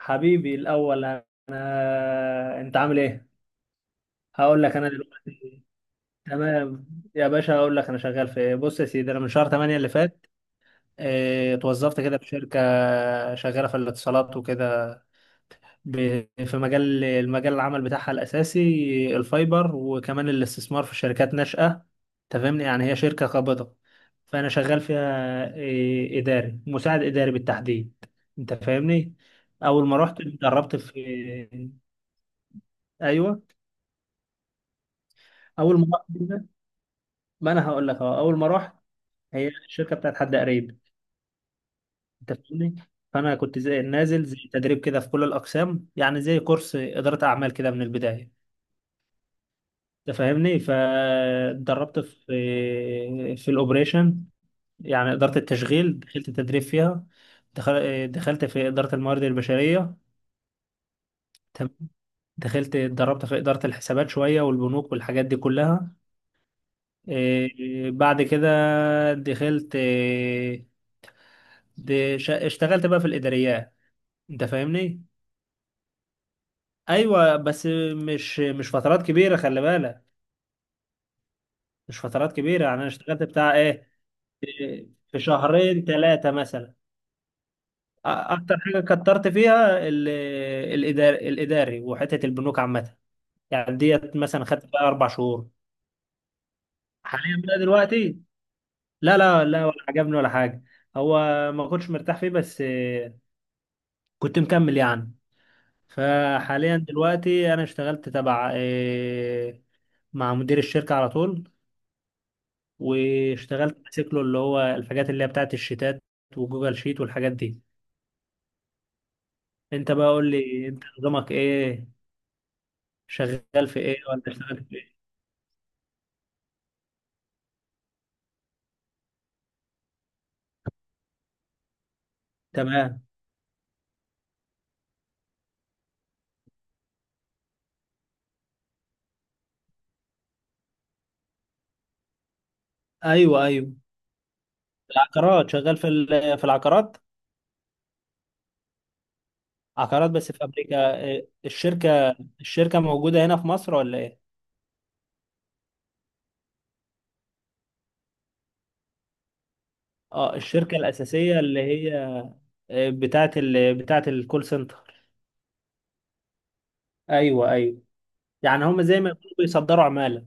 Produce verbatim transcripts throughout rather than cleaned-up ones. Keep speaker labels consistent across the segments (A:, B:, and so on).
A: حبيبي الأول، أنا أنت عامل إيه؟ هقول لك أنا دلوقتي، تمام. يا باشا، هقول لك أنا شغال في إيه. بص يا سيدي، أنا من شهر تمانية اللي فات إيه، اتوظفت كده في شركة شغالة في الاتصالات وكده. ب- في مجال المجال العمل بتاعها الأساسي الفايبر، وكمان الاستثمار في شركات ناشئة، تفهمني؟ يعني هي شركة قابضة. فأنا شغال فيها إيه، إداري، مساعد إداري بالتحديد. أنت فاهمني؟ أول ما رحت اتدربت في، ايوه، اول ما رحت كده- ما انا هقول لك اهو. اول ما رحت، هي الشركه بتاعت حد قريب، انت فاهمني؟ فانا كنت زي نازل زي تدريب كده في كل الاقسام، يعني زي كورس اداره اعمال كده من البدايه، انت فاهمني؟ فاتدربت في في الاوبريشن، يعني اداره التشغيل، دخلت تدريب فيها. دخل- دخلت في اداره الموارد البشريه، تمام. دخلت اتدربت في اداره الحسابات شويه والبنوك والحاجات دي كلها. إيه، بعد كده دخلت، دي شا... اشتغلت بقى في الاداريات، انت فاهمني؟ ايوه، بس مش مش فترات كبيره، خلي بالك. مش فترات كبيره، يعني انا اشتغلت بتاع ايه، في شهرين ثلاثه مثلا. أ- اكتر حاجه كترت فيها ال... الادار... الاداري، وحته البنوك عامه. يعني ديت مثلا خدت بقى اربع شهور. حاليا بقى دلوقتي، لا لا لا، ولا عجبني ولا حاجه. هو، ما كنتش مرتاح فيه، بس كنت مكمل يعني. فحاليا دلوقتي انا اشتغلت تبع آه، مع مدير الشركة على طول، واشتغلت ماسك له اللي هو الحاجات اللي هي بتاعت الشيتات وجوجل شيت والحاجات دي. انت بقى قول لي، انت نظامك ايه؟ شغال في ايه ولا اشتغلت في ايه؟ تمام، ايوه ايوه. العقارات، شغال في ال- في العقارات. عقارات بس في امريكا، إيه، الشركة، الشركة موجودة هنا في مصر ولا ايه؟ اه، الشركة الأساسية اللي هي إيه، بتاعت ال... بتاعت الكول سنتر. ايوه ايوه. يعني هم زي ما يكونوا بيصدروا عمالة.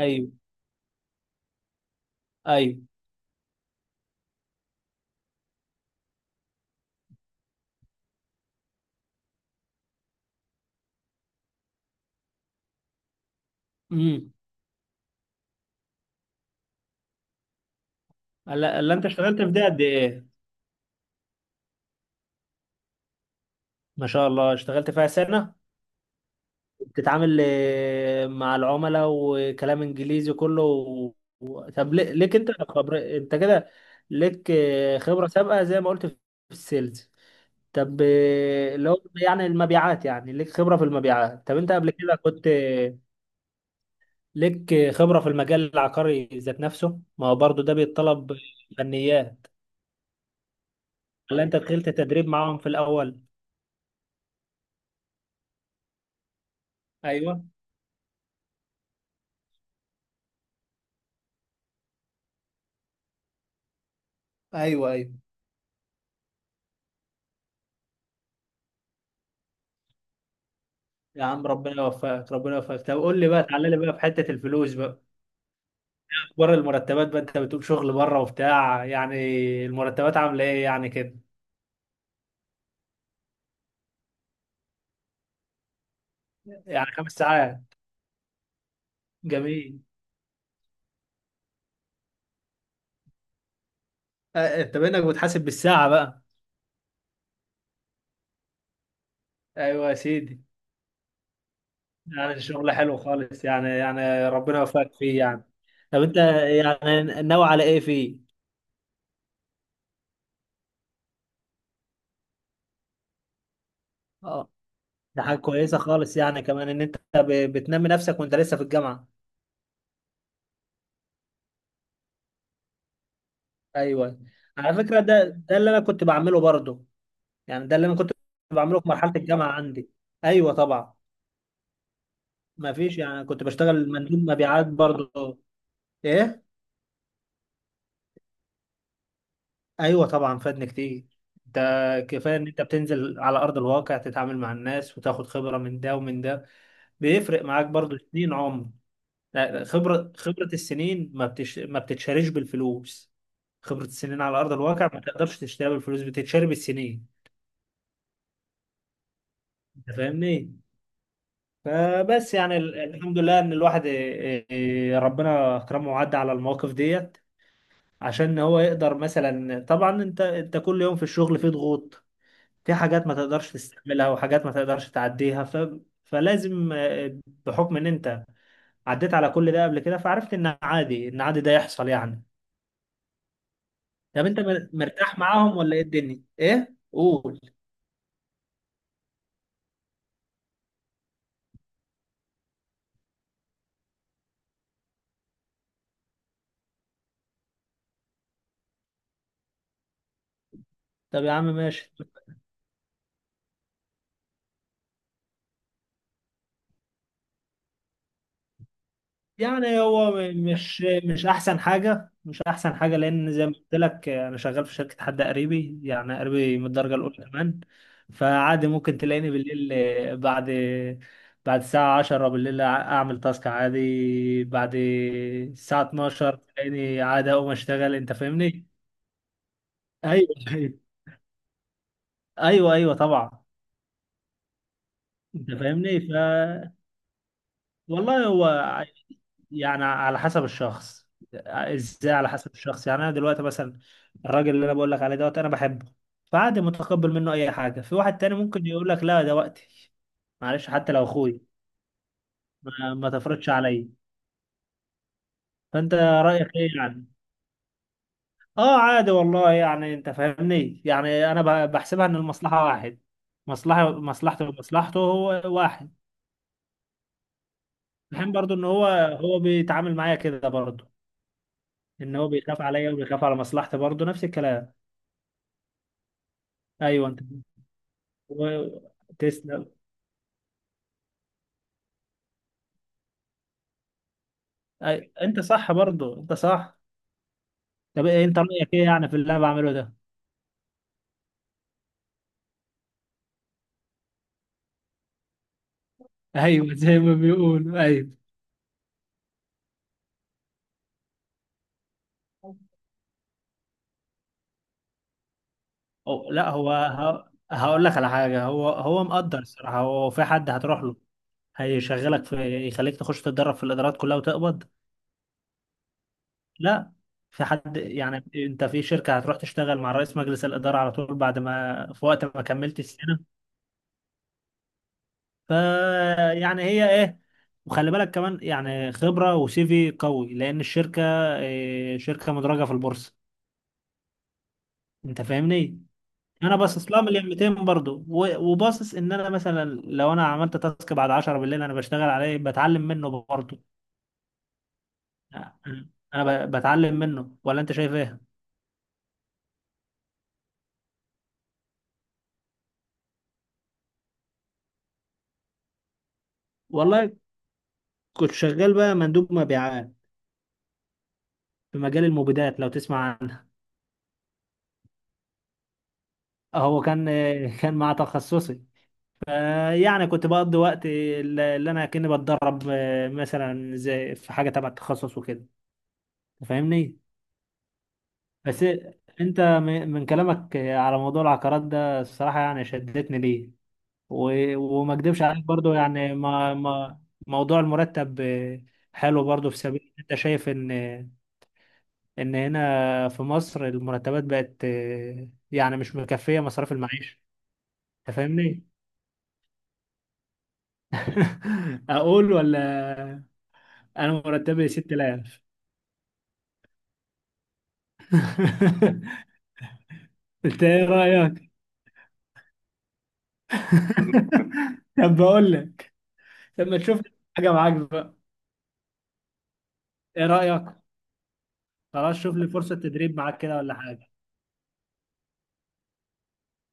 A: ايوه ايوه. امم، الا ألا انت اشتغلت في دي قد ايه؟ ما شاء الله، اشتغلت فيها سنة. بتتعامل آه، مع العملاء، وكلام انجليزي كله و... و- طب ليه- ليك انت خبر؟ انت كده ليك آه، خبرة سابقة زي ما قلت في السيلز، طب آه، اللي هو يعني المبيعات، يعني ليك خبرة في المبيعات. طب انت قبل كده كنت آه، ليك آه، خبرة في المجال العقاري ذات نفسه؟ ما هو برضه ده بيتطلب فنيات. ولا انت دخلت تدريب معاهم في الاول؟ ايوه ايوه ايوه. يا عم ربنا يوفقك، ربنا يوفقك. طب قول لي بقى، تعالى لي بقى في حتة الفلوس بقى. اخبار المرتبات بقى، انت بتقول شغل بره وبتاع يعني، المرتبات عاملة ايه يعني كده؟ يعني خمس ساعات، جميل. آه، انت بانك بتحاسب بالساعة بقى. ايوه يا سيدي. يعني الشغل حلو خالص يعني، يعني ربنا يوفقك فيه يعني. طب انت، يعني ناوي على ايه فيه؟ اه، ده حاجة كويسة خالص يعني، كمان ان انت ب- بتنمي نفسك وانت لسه في الجامعة. ايوه. على فكرة ده، ده اللي انا كنت بعمله برضه. يعني ده اللي انا كنت بعمله في مرحله الجامعه عندي. ايوه طبعا. ما فيش، يعني كنت بشتغل مندوب مبيعات برضه. ايه، ايوه طبعا، فادني كتير. انت كفايه ان انت بتنزل على ارض الواقع، تتعامل مع الناس وتاخد خبره من ده ومن ده. بيفرق معاك برضه سنين عمر. لا، خبره، خبره السنين ما بتش... ما بتتشاريش بالفلوس. خبره السنين على ارض الواقع ما تقدرش تشتريها بالفلوس، بتتشاري بالسنين، انت فاهمني؟ فبس يعني ال- الحمد لله ان الواحد إيه، إيه، ربنا اكرمه وعدى على المواقف ديت، عشان هو يقدر مثلا. طبعا انت، انت كل يوم في الشغل في ضغوط، في حاجات ما تقدرش تستحملها وحاجات ما تقدرش تعديها. ف فلازم آه، بحكم ان انت عديت على كل ده قبل كده، فعرفت ان عادي، ان عادي ده يحصل يعني. طب انت مر- مرتاح معاهم ولا ايه الدنيا؟ ايه، قول. طب يا عم ماشي. يعني هو م- مش مش احسن حاجه، مش احسن حاجه، لان زي ما قلت لك انا شغال في شركه حد قريبي، يعني قريبي من الدرجه الاولى كمان. فعادي ممكن تلاقيني بالليل بعد بعد الساعه عشرة بالليل اعمل تاسك عادي، بعد الساعه اثنا عشر تلاقيني عادي اقوم اشتغل، انت فاهمني؟ ايوه ايوه ايوه طبعا، انت فاهمني؟ ف والله هو يعني على حسب الشخص. ازاي؟ على حسب الشخص. يعني انا دلوقتي مثلا، الراجل اللي انا بقول لك عليه دوت انا بحبه، فعادي متقبل منه اي حاجه. في واحد تاني ممكن يقول لك لا ده وقتي، معلش حتى لو اخوي، ما, ما تفرضش عليا. فانت رايك ايه يعني؟ اه عادي والله يعني، انت فاهمني يعني. انا ب- بحسبها ان المصلحه واحد، مصلحه، مصلحته ومصلحته هو واحد. بحين برضو ان هو، هو بيتعامل معايا كده برضو، ان هو بيخاف عليا وبيخاف على مصلحتي برضو نفس الكلام. ايوه انت، وتسلم. أي... انت صح برضو، انت صح. طب إيه، انت رايك ايه يعني في اللي انا بعمله ده؟ ايوه زي ما بيقولوا، ايوه. أو لا، هو ه... هقول لك على حاجه. هو، هو مقدر الصراحه. هو في حد هتروح له، هيشغلك في، يخليك تخش تتدرب في الادارات كلها وتقبض. لا، في حد يعني، انت في شركه هتروح تشتغل مع رئيس مجلس الاداره على طول بعد ما، في وقت ما كملت السنه. ف يعني هي ايه، وخلي بالك كمان يعني خبرة وسيفي قوي، لأن الشركة إيه، شركة مدرجة في البورصة، أنت فاهمني؟ أنا باصص لها مليون ميتين برضه، و- وباصص إن أنا مثلا، لو أنا عملت تاسك بعد عشرة بالليل أنا بشتغل عليه، بتعلم منه برضه. أنا ب- بتعلم منه، ولا أنت شايف إيه؟ والله، كنت شغال بقى مندوب مبيعات في مجال المبيدات، لو تسمع عنه. هو كان، كان مع تخصصي. يعني كنت بقضي وقت اللي اللي انا كأني بتدرب آه، مثلا زي في حاجه تبع التخصص وكده. أنت فاهمني؟ بس انت م- من كلامك على موضوع العقارات ده، الصراحه يعني شدتني ليه. و- وما اكدبش عليك برضو يعني، ما ما موضوع المرتب آه، حلو برضو. في سبيل انت شايف ان، ان هنا في مصر المرتبات بقت آه، يعني مش مكفيه مصاريف المعيشه، أنت فاهمني؟ اقول ولا؟ انا مرتبي ستة آلاف، انت ايه رايك؟ طب بقول لك، لما تشوف لي حاجه معاك بقى، ايه رايك؟ خلاص، شوف لي فرصه تدريب معاك كده ولا حاجه.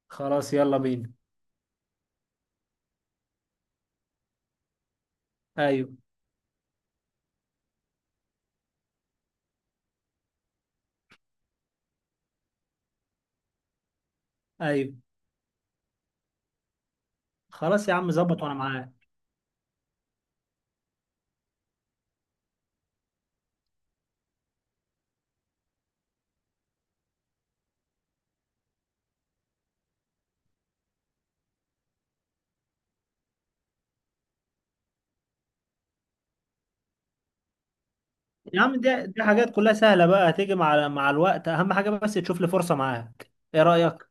A: خلاص يلا بينا. ايوه، ايوه. خلاص يا عم، ظبط وانا معاك. يا عم دي، دي حاجات كلها سهله بقى، هتيجي مع مع الوقت. اهم حاجه بس تشوف لي فرصه معاك، ايه رايك؟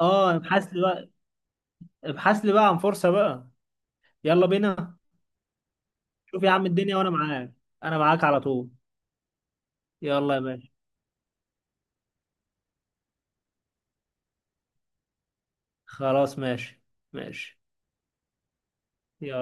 A: اه، ابحث لي بقى، ابحث لي بقى عن فرصه بقى. يلا بينا، شوف يا عم الدنيا وانا معاك، انا معاك على طول. يلا يا باشا. خلاص ماشي، ماشي، يلا.